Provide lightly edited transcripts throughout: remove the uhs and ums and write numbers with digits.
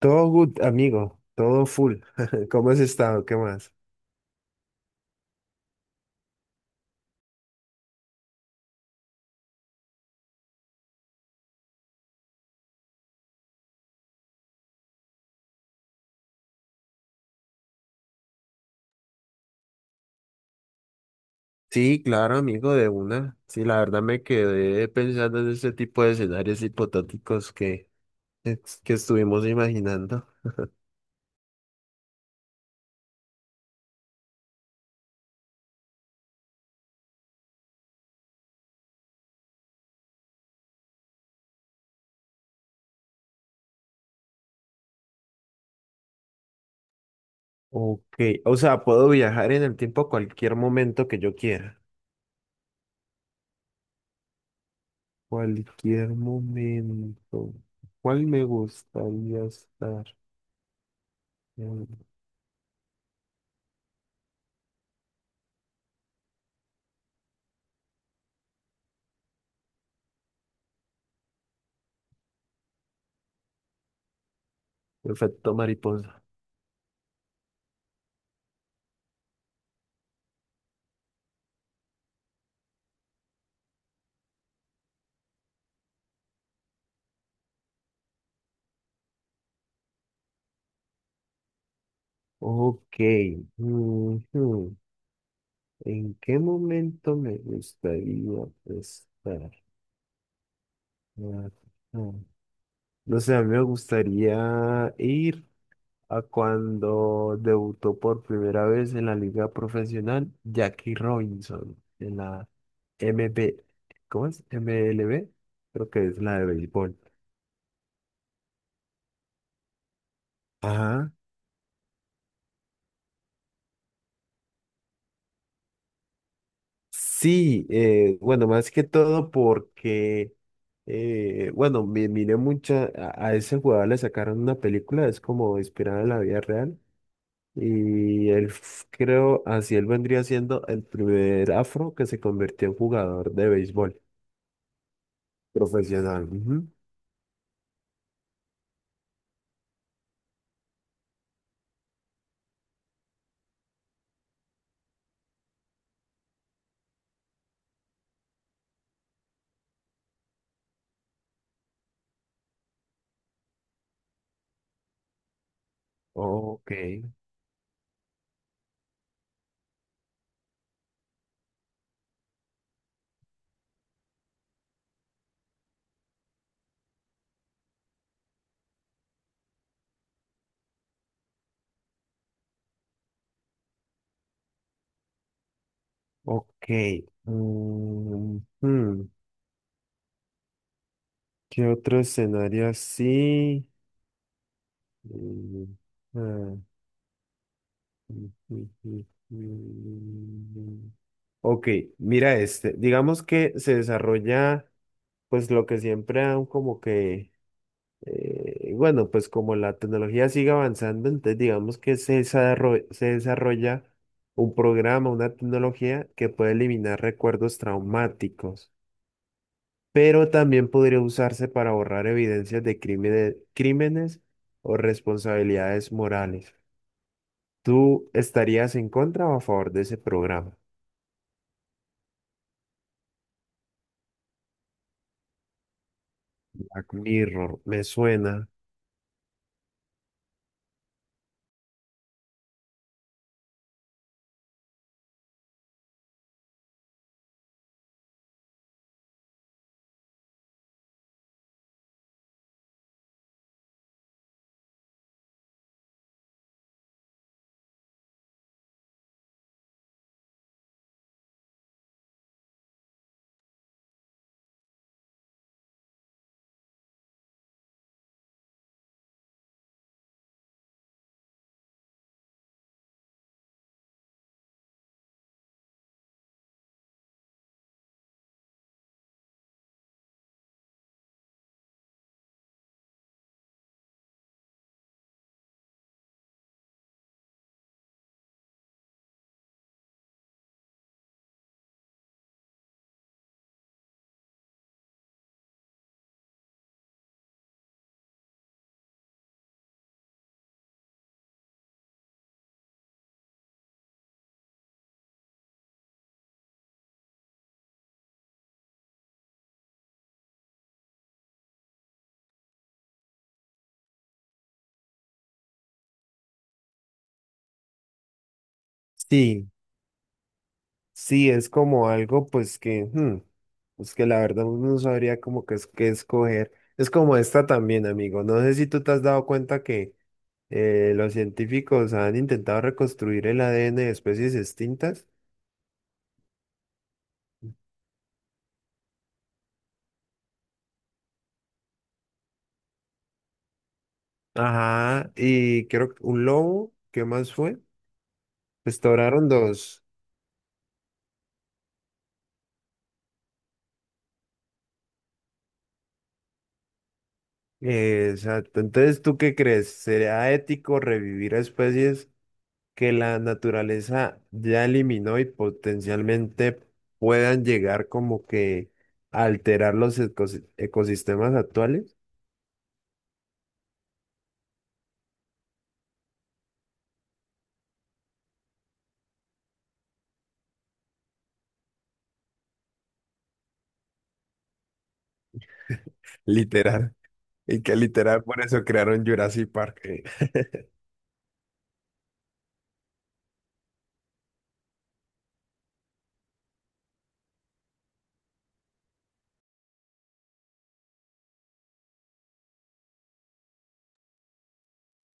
Todo good, amigo, todo full. ¿Cómo has estado? ¿Qué más? Sí, claro, amigo, de una. Sí, la verdad me quedé pensando en ese tipo de escenarios hipotéticos que, que estuvimos imaginando. Ok, o sea, puedo viajar en el tiempo a cualquier momento que yo quiera. Cualquier momento. ¿Cuál me gustaría estar? Mm, Efecto mariposa. Ok, ujú. ¿En qué momento me gustaría estar? Ah, ah. No sé, a mí me gustaría ir a cuando debutó por primera vez en la liga profesional Jackie Robinson en la MB, ¿cómo es? MLB, creo que es la de béisbol. Ajá. Sí, bueno, más que todo porque, bueno, miré mucha, a ese jugador le sacaron una película, es como inspirada en la vida real. Y él, creo, así él vendría siendo el primer afro que se convirtió en jugador de béisbol profesional. Ujú. Ok, ok. Mm, hmm, ¿Qué otro escenario así? Mm, ah, mm, mm, mm, mm. mm, mm. Ok, mira este. Digamos que se desarrolla, pues lo que siempre han como que y bueno, pues como la tecnología sigue avanzando, entonces digamos que se desarrolla un programa, una tecnología que puede eliminar recuerdos traumáticos, pero también podría usarse para borrar evidencias de crímenes, o responsabilidades morales. ¿Tú estarías en contra o a favor de ese programa? Black Mirror, me suena. Sí. Sí, es como algo pues que, hmm, pues que la verdad uno no sabría como que es que escoger. Es como esta también, amigo. No sé si tú te has dado cuenta que los científicos han intentado reconstruir el ADN de especies extintas. Ajá, y creo que un lobo, ¿qué más fue? Restauraron dos. Exacto. Entonces, ¿tú qué crees? ¿Sería ético revivir a especies que la naturaleza ya eliminó y potencialmente puedan llegar como que a alterar los ecosistemas actuales? Literal. Y que literal por eso crearon Jurassic Park.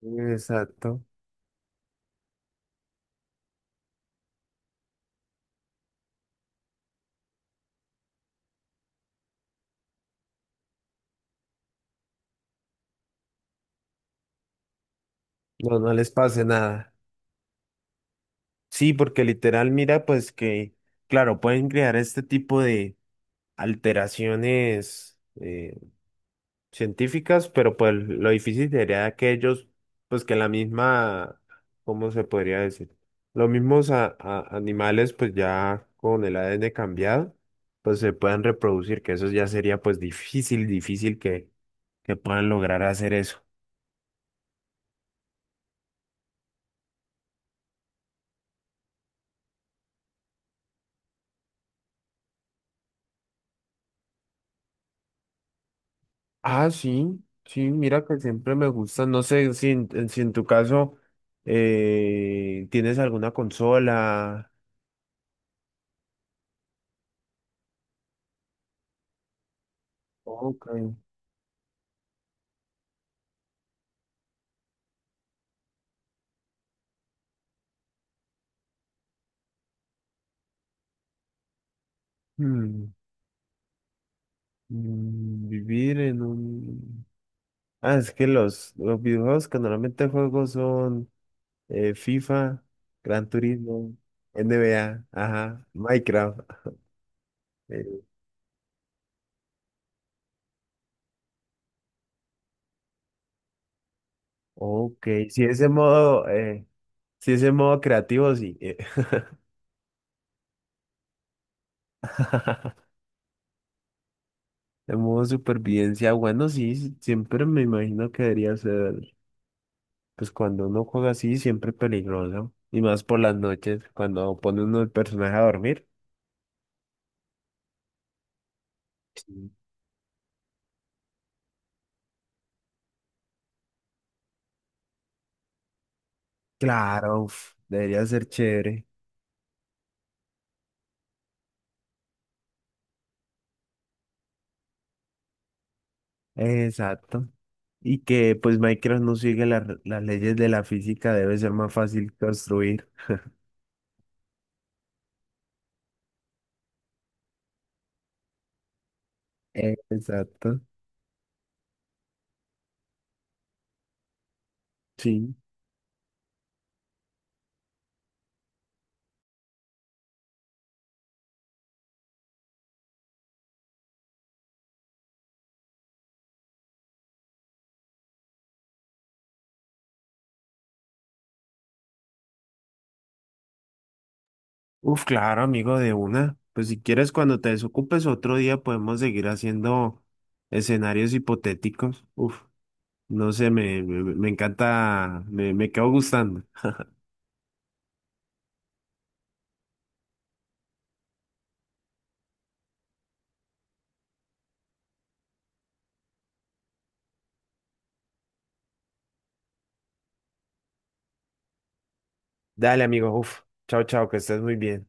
Exacto. No, no les pase nada. Sí, porque literal, mira, pues que, claro, pueden crear este tipo de alteraciones científicas, pero pues lo difícil sería que ellos, pues que la misma, ¿cómo se podría decir? Los mismos animales, pues ya con el ADN cambiado, pues se puedan reproducir, que eso ya sería pues difícil, que puedan lograr hacer eso. Ah, sí, sí, mira que siempre me gusta, no sé si si en tu caso tienes alguna consola. Ok. Hmm, Vivir en un... Ah, es que los videojuegos que normalmente juego son FIFA, Gran Turismo, NBA, ajá, Minecraft. Eh, ok, si ese modo, si ese modo creativo, sí. El modo supervivencia, bueno, sí, sí, siempre me imagino que debería ser, pues cuando uno juega así, siempre peligroso. Y más por las noches, cuando pone uno el personaje a dormir. Sí. Claro, uf, debería ser chévere. Exacto. Y que pues Minecraft no sigue las leyes de la física, debe ser más fácil construir. Exacto. Sí. Uf, claro, amigo, de una. Pues si quieres, cuando te desocupes otro día podemos seguir haciendo escenarios hipotéticos. Uf, no sé, me encanta, me quedo gustando. Dale, amigo, uf. Chao, chao, que estés muy bien.